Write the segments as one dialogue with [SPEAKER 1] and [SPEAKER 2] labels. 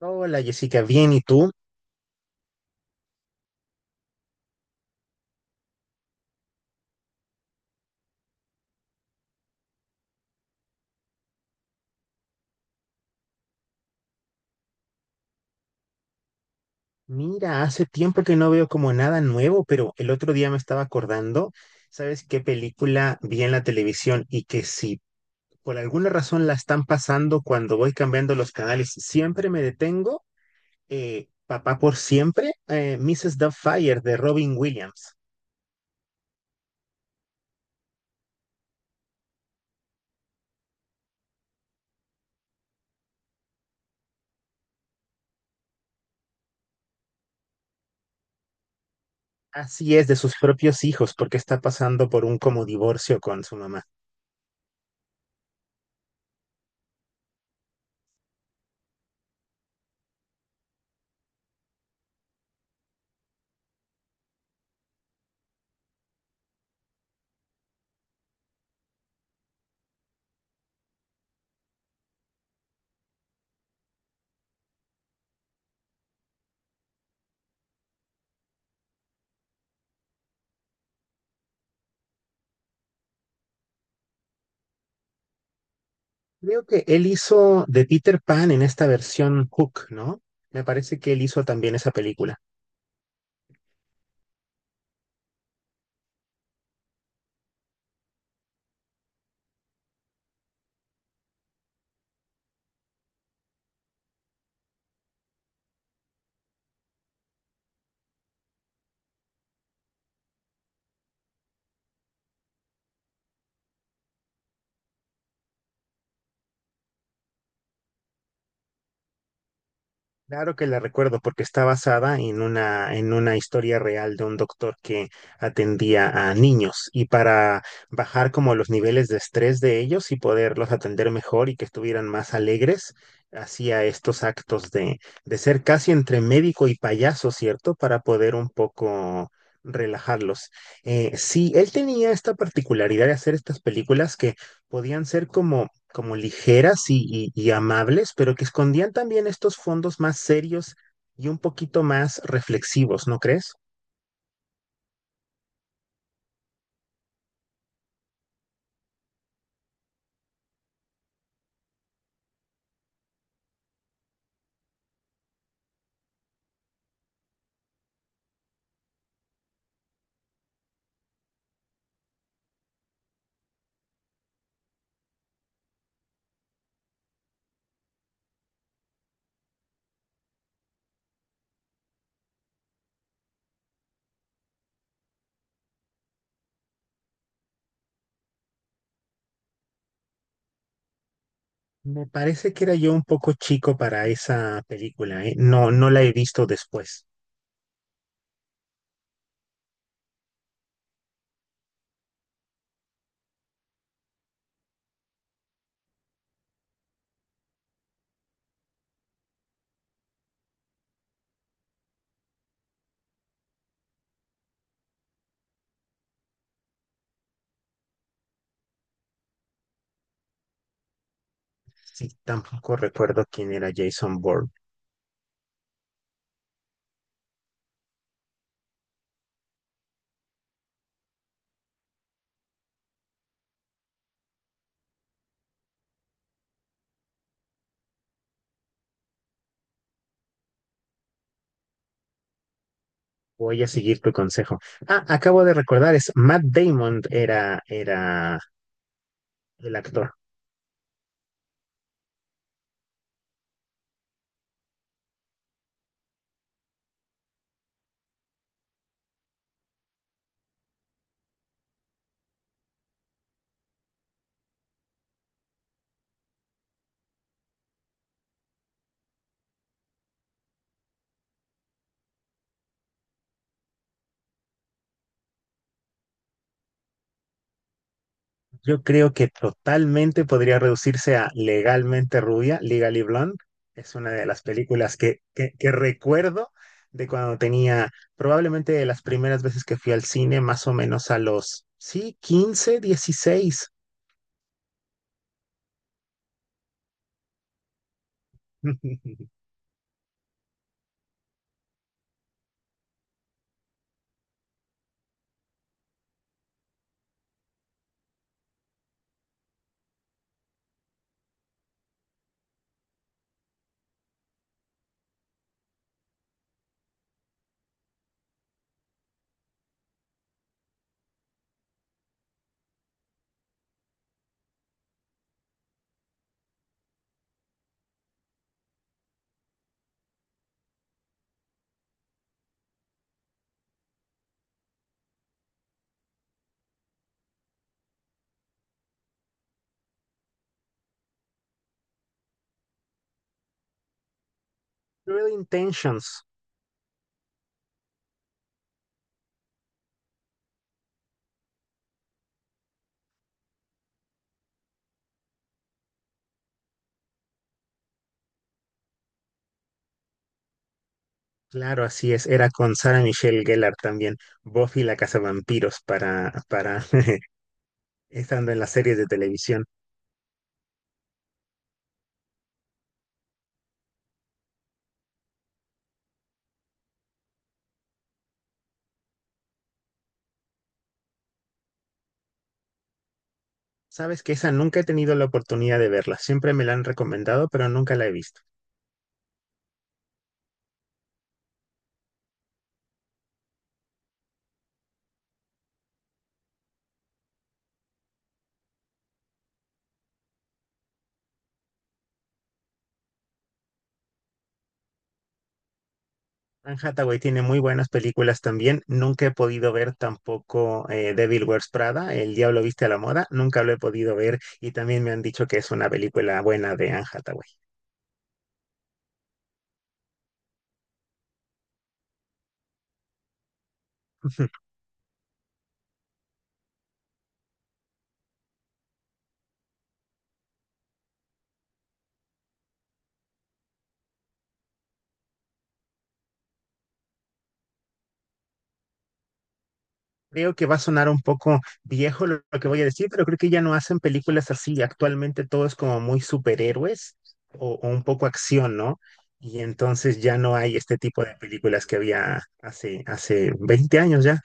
[SPEAKER 1] Hola Jessica, bien, ¿y tú? Mira, hace tiempo que no veo como nada nuevo, pero el otro día me estaba acordando, ¿sabes qué película vi en la televisión y que si por alguna razón la están pasando cuando voy cambiando los canales, siempre me detengo? Papá por siempre, Mrs. Doubtfire de Robin Williams. Así es, de sus propios hijos, porque está pasando por un como divorcio con su mamá. Creo que él hizo de Peter Pan en esta versión Hook, ¿no? Me parece que él hizo también esa película. Claro que la recuerdo porque está basada en una historia real de un doctor que atendía a niños y para bajar como los niveles de estrés de ellos y poderlos atender mejor y que estuvieran más alegres, hacía estos actos de ser casi entre médico y payaso, ¿cierto? Para poder un poco relajarlos. Sí, él tenía esta particularidad de hacer estas películas que podían ser como ligeras y, y amables, pero que escondían también estos fondos más serios y un poquito más reflexivos, ¿no crees? Me parece que era yo un poco chico para esa película, ¿eh? No, no la he visto después. Sí, tampoco recuerdo quién era Jason Bourne. Voy a seguir tu consejo. Ah, acabo de recordar, es Matt Damon era el actor. Yo creo que totalmente podría reducirse a Legalmente Rubia, Legally Blonde. Es una de las películas que recuerdo de cuando tenía, probablemente de las primeras veces que fui al cine, más o menos a los, sí, 15 16. Real Intentions. Claro, así es. Era con Sarah Michelle Gellar también. Buffy la cazavampiros para estando en las series de televisión. Sabes que esa nunca he tenido la oportunidad de verla. Siempre me la han recomendado, pero nunca la he visto. Anne Hathaway tiene muy buenas películas también. Nunca he podido ver tampoco Devil Wears Prada, El Diablo Viste a la Moda. Nunca lo he podido ver y también me han dicho que es una película buena de Anne Hathaway. Creo que va a sonar un poco viejo lo que voy a decir, pero creo que ya no hacen películas así. Actualmente todo es como muy superhéroes o un poco acción, ¿no? Y entonces ya no hay este tipo de películas que había hace 20 años ya.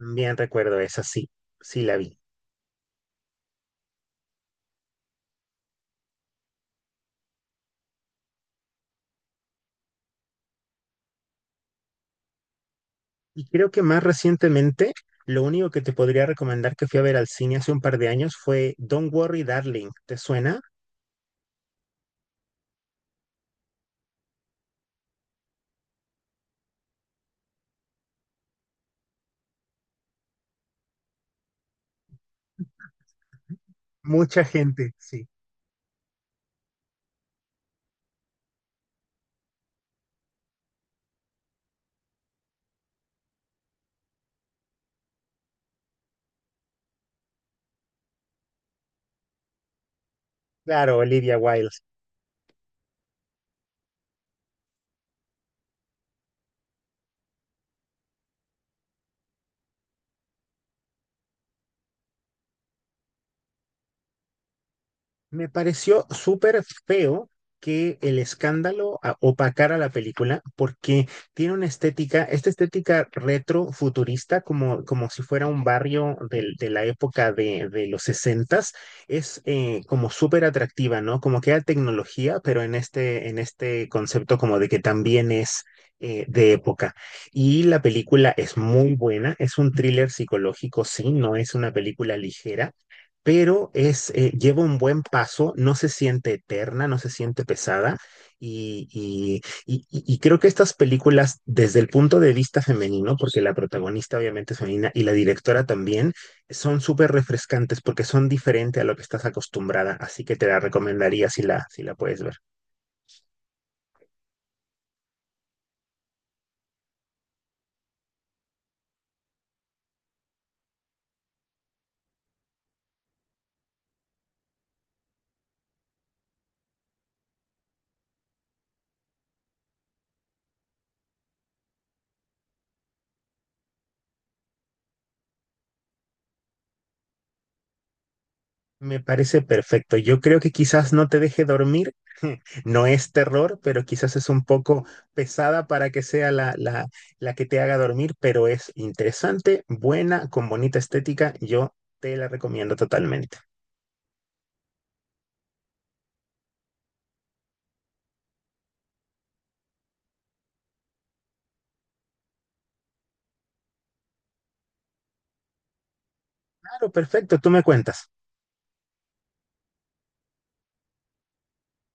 [SPEAKER 1] Bien recuerdo esa, sí, sí la vi. Y creo que más recientemente, lo único que te podría recomendar que fui a ver al cine hace un par de años fue Don't Worry Darling. ¿Te suena? Mucha gente, sí. Claro, Olivia Wilde. Me pareció súper feo que el escándalo a- opacara la película porque tiene una estética, esta estética retro futurista, como, como si fuera un barrio del- de, la época de los sesentas, es como súper atractiva, ¿no? Como que era tecnología, pero en este concepto como de que también es... de época. Y la película es muy buena, es un thriller psicológico, sí, no es una película ligera, pero es, lleva un buen paso, no se siente eterna, no se siente pesada. Y, y creo que estas películas, desde el punto de vista femenino, porque la protagonista obviamente es femenina y la directora también, son súper refrescantes porque son diferentes a lo que estás acostumbrada, así que te la recomendaría si si la puedes ver. Me parece perfecto. Yo creo que quizás no te deje dormir. No es terror, pero quizás es un poco pesada para que sea la que te haga dormir, pero es interesante, buena, con bonita estética. Yo te la recomiendo totalmente. Claro, perfecto. Tú me cuentas.